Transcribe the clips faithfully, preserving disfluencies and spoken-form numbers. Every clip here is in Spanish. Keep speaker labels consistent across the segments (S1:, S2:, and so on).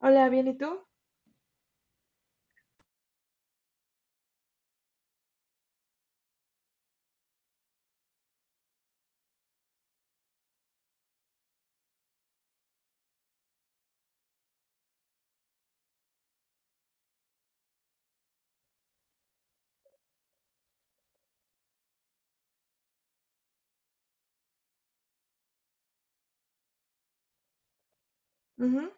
S1: Hola, bien, ¿y tú? Ujú.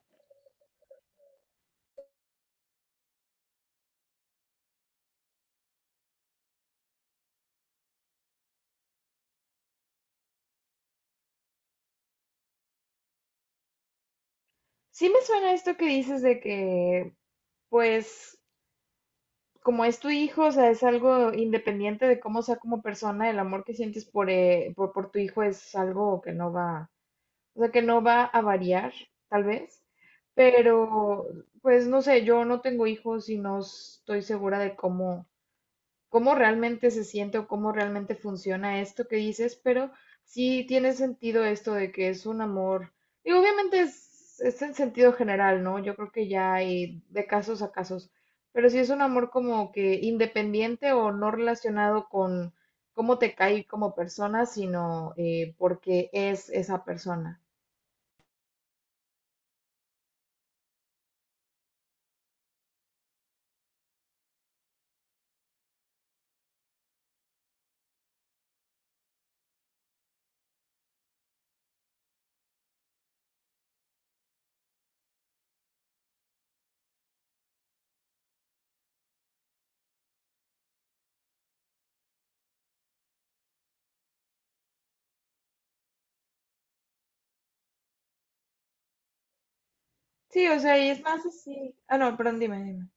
S1: Sí me suena esto que dices de que, pues, como es tu hijo, o sea, es algo independiente de cómo sea como persona, el amor que sientes por, eh, por, por tu hijo es algo que no va, o sea, que no va a variar, tal vez. Pero, pues, no sé, yo no tengo hijos y no estoy segura de cómo, cómo realmente se siente o cómo realmente funciona esto que dices, pero sí tiene sentido esto de que es un amor. Y obviamente es, es en sentido general, ¿no? Yo creo que ya hay de casos a casos, pero sí es un amor como que independiente o no relacionado con cómo te cae como persona, sino eh, porque es esa persona. Sí, o sea, y es más así. Ah, no, perdón, dime, dime.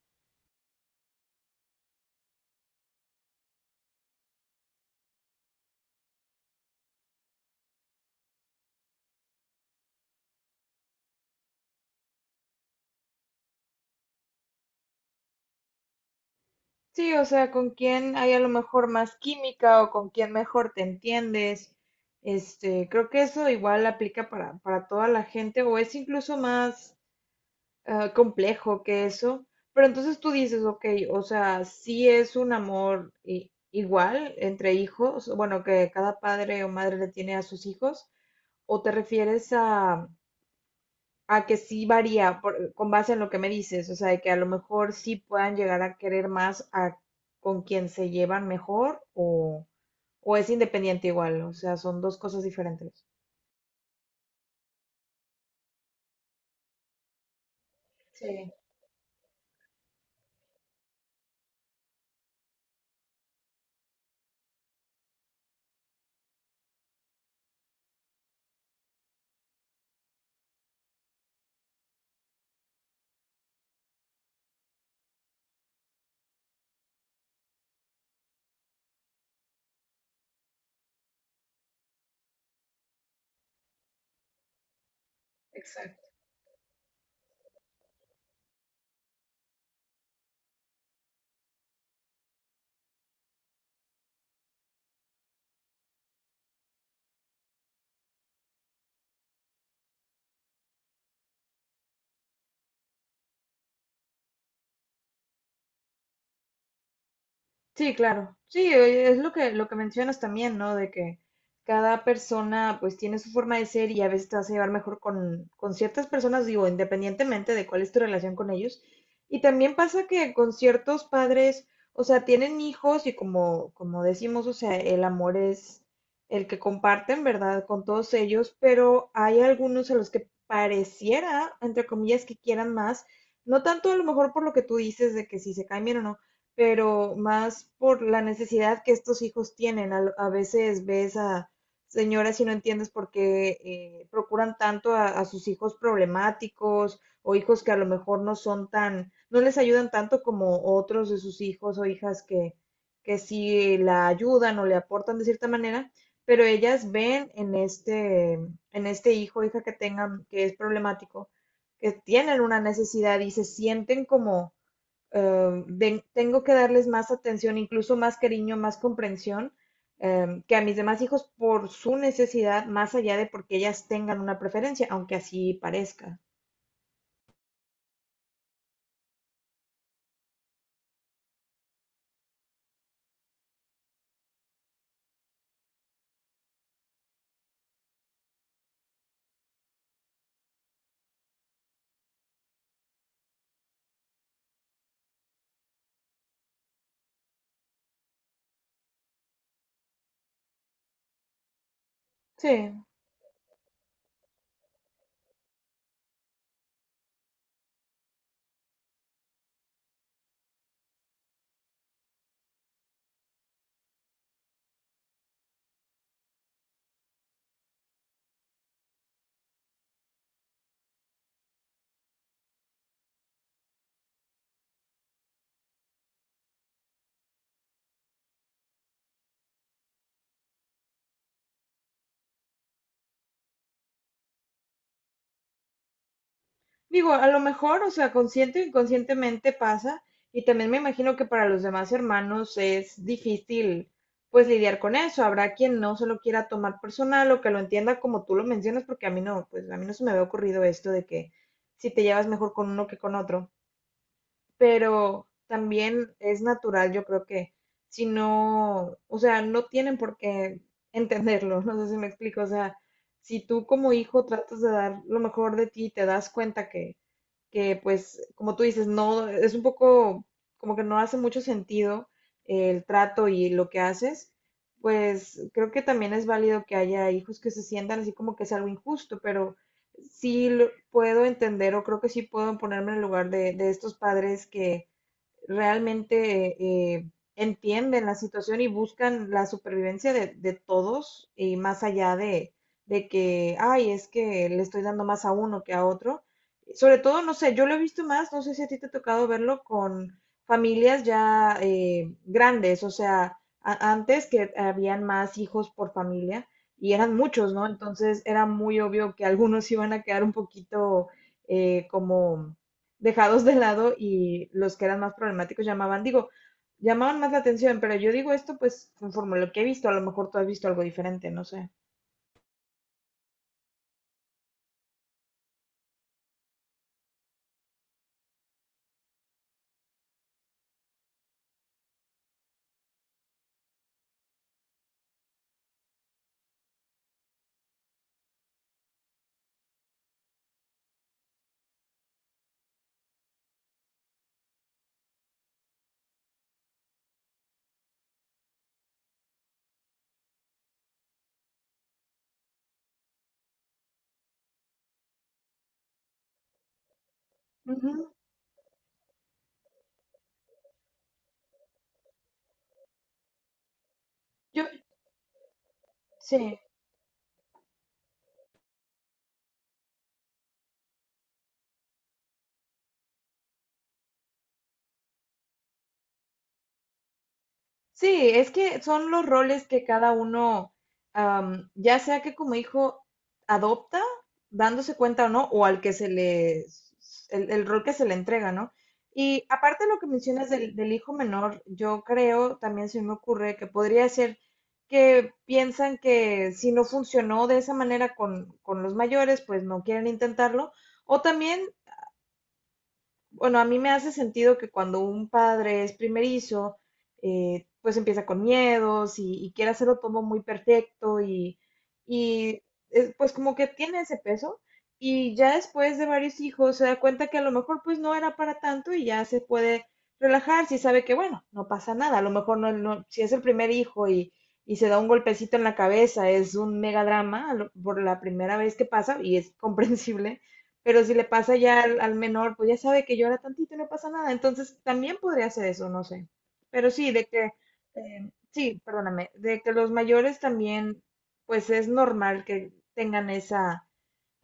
S1: Sí, o sea, con quién hay a lo mejor más química o con quién mejor te entiendes. Este, creo que eso igual aplica para, para toda la gente o es incluso más ah, complejo que eso. Pero entonces tú dices, ok, o sea, sí es un amor i- igual entre hijos, bueno, que cada padre o madre le tiene a sus hijos, o te refieres a, a que sí varía por- con base en lo que me dices, o sea, de que a lo mejor sí puedan llegar a querer más a con quien se llevan mejor o, o es independiente igual, o sea, son dos cosas diferentes. Sí, exacto. Sí, claro. Sí, eh, es lo que, lo que mencionas también, ¿no? De que cada persona pues tiene su forma de ser y a veces te vas a llevar mejor con, con ciertas personas, digo, independientemente de cuál es tu relación con ellos. Y también pasa que con ciertos padres, o sea, tienen hijos y como, como decimos, o sea, el amor es el que comparten, ¿verdad? Con todos ellos, pero hay algunos a los que pareciera, entre comillas, que quieran más. No tanto a lo mejor por lo que tú dices de que si se cambian o no, pero más por la necesidad que estos hijos tienen. Al- A veces ves a señoras y no entiendes por qué eh, procuran tanto a, a sus hijos problemáticos o hijos que a lo mejor no son tan, no les ayudan tanto como otros de sus hijos o hijas que, que sí la ayudan o le aportan de cierta manera, pero ellas ven en este, en este hijo o hija que tengan que es problemático, que tienen una necesidad y se sienten como eh, ven- tengo que darles más atención, incluso más cariño, más comprensión, eh, que a mis demás hijos por su necesidad, más allá de porque ellas tengan una preferencia, aunque así parezca. Sí, digo, a lo mejor, o sea, consciente o inconscientemente pasa, y también me imagino que para los demás hermanos es difícil, pues, lidiar con eso. Habrá quien no se lo quiera tomar personal o que lo entienda como tú lo mencionas, porque a mí no, pues, a mí no se me había ocurrido esto de que si te llevas mejor con uno que con otro. Pero también es natural, yo creo que si no, o sea, no tienen por qué entenderlo, no sé si me explico, o sea, si tú como hijo tratas de dar lo mejor de ti, te das cuenta que que pues, como tú dices, no, es un poco como que no hace mucho sentido, eh, el trato y lo que haces, pues creo que también es válido que haya hijos que se sientan así como que es algo injusto, pero sí lo- puedo entender o creo que sí puedo ponerme en el lugar de, de estos padres que realmente eh, entienden la situación y buscan la supervivencia de, de todos y más allá de, de que, ay, es que le estoy dando más a uno que a otro. Sobre todo, no sé, yo lo he visto más, no sé si a ti te ha tocado verlo con familias ya eh, grandes, o sea, a- antes que habían más hijos por familia y eran muchos, ¿no? Entonces era muy obvio que algunos iban a quedar un poquito eh, como dejados de lado y los que eran más problemáticos llamaban, digo, llamaban más la atención, pero yo digo esto pues conforme a lo que he visto, a lo mejor tú has visto algo diferente, no sé. Ujú. Yo, sí. Sí, es que son los roles que cada uno, am, ya sea que como hijo adopta, dándose cuenta o no, o al que se le, el, el rol que se le entrega, ¿no? Y aparte de lo que mencionas del, del hijo menor, yo creo, también se me ocurre que podría ser que piensan que si no funcionó de esa manera con, con los mayores, pues no quieren intentarlo, o también bueno, a mí me hace sentido que cuando un padre es primerizo, eh, pues empieza con miedos y, y quiere hacerlo todo muy perfecto y, y eh, pues como que tiene ese peso y ya después de varios hijos se da cuenta que a lo mejor pues no era para tanto y ya se puede relajar si sabe que bueno, no pasa nada, a lo mejor no, no- si es el primer hijo y, y se da un golpecito en la cabeza, es un mega drama a lo- por la primera vez que pasa y es comprensible, pero si le pasa ya al, al menor, pues ya sabe que llora tantito y no pasa nada. Entonces también podría hacer eso, no sé. Pero sí, de que, eh, sí, perdóname, de que los mayores también, pues es normal que tengan esa,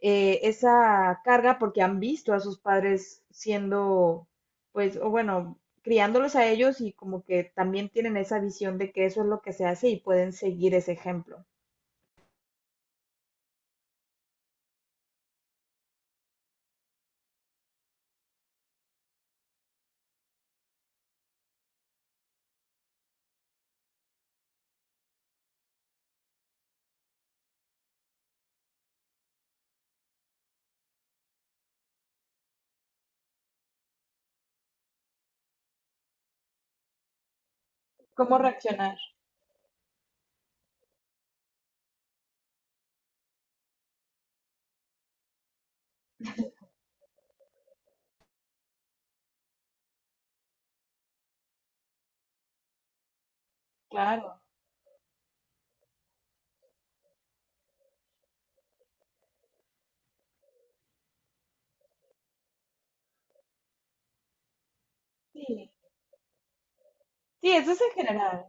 S1: eh, esa carga porque han visto a sus padres siendo, pues, o bueno, criándolos a ellos y como que también tienen esa visión de que eso es lo que se hace y pueden seguir ese ejemplo. ¿Cómo reaccionar? Claro. Sí, sí, eso es en general.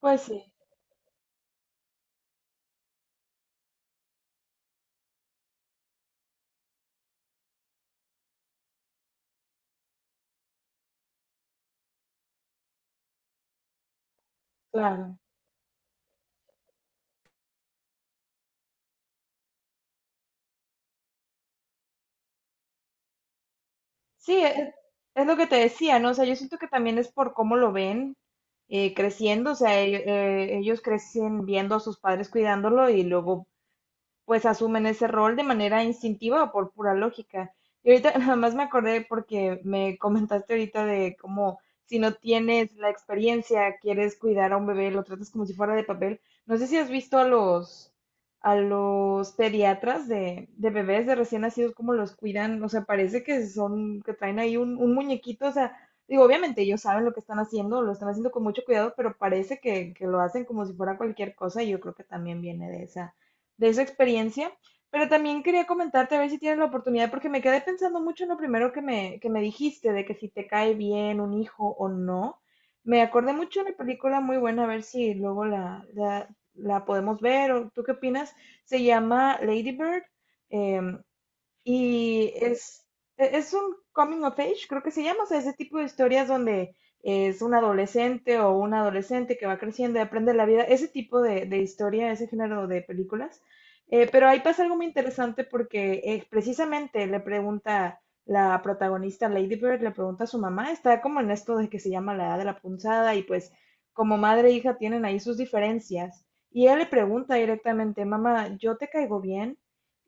S1: Pues sí, claro. Sí, es, es lo que te decía, ¿no? O sea, yo siento que también es por cómo lo ven eh, creciendo, o sea, ello- eh, ellos crecen viendo a sus padres cuidándolo y luego pues asumen ese rol de manera instintiva o por pura lógica. Y ahorita nada más me acordé porque me comentaste ahorita de cómo si no tienes la experiencia, quieres cuidar a un bebé, lo tratas como si fuera de papel. No sé si has visto a los, a los pediatras de, de bebés de recién nacidos, cómo los cuidan. O sea, parece que son, que traen ahí un, un muñequito. O sea, digo, obviamente ellos saben lo que están haciendo, lo están haciendo con mucho cuidado, pero parece que, que lo hacen como si fuera cualquier cosa y yo creo que también viene de esa de esa experiencia. Pero también quería comentarte a ver si tienes la oportunidad, porque me quedé pensando mucho en lo primero que me, que me dijiste, de que si te cae bien un hijo o no. Me acordé mucho de una película muy buena, a ver si luego la, la, la podemos ver, o tú qué opinas. Se llama Lady Bird. eh, y es, e- es un coming of age, creo que se llama, o sea, ese tipo de historias donde es un adolescente o un adolescente que va creciendo y aprende la vida, ese tipo de, de historia, ese género de películas. Eh, pero ahí pasa algo muy interesante porque eh, precisamente le pregunta la protagonista Lady Bird, le pregunta a su mamá, está como en esto de que se llama la edad de la punzada y pues como madre e hija tienen ahí sus diferencias. Y ella le pregunta directamente, mamá, ¿yo te caigo bien?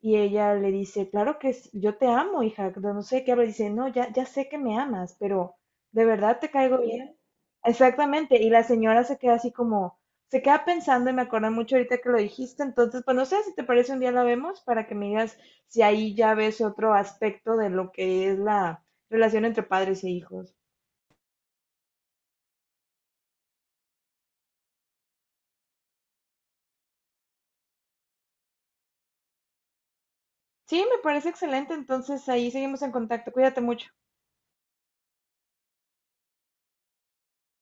S1: Y ella le dice, claro que s- yo te amo, hija, pero no sé qué habla. Dice, no, ya, ya sé que me amas, pero ¿de verdad te caigo bien? Exactamente. Y la señora se queda así como, se queda pensando y me acuerdo mucho ahorita que lo dijiste. Entonces, pues no sé si te parece un día la vemos para que me digas si ahí ya ves otro aspecto de lo que es la relación entre padres e hijos. Sí, me parece excelente. Entonces ahí seguimos en contacto. Cuídate mucho.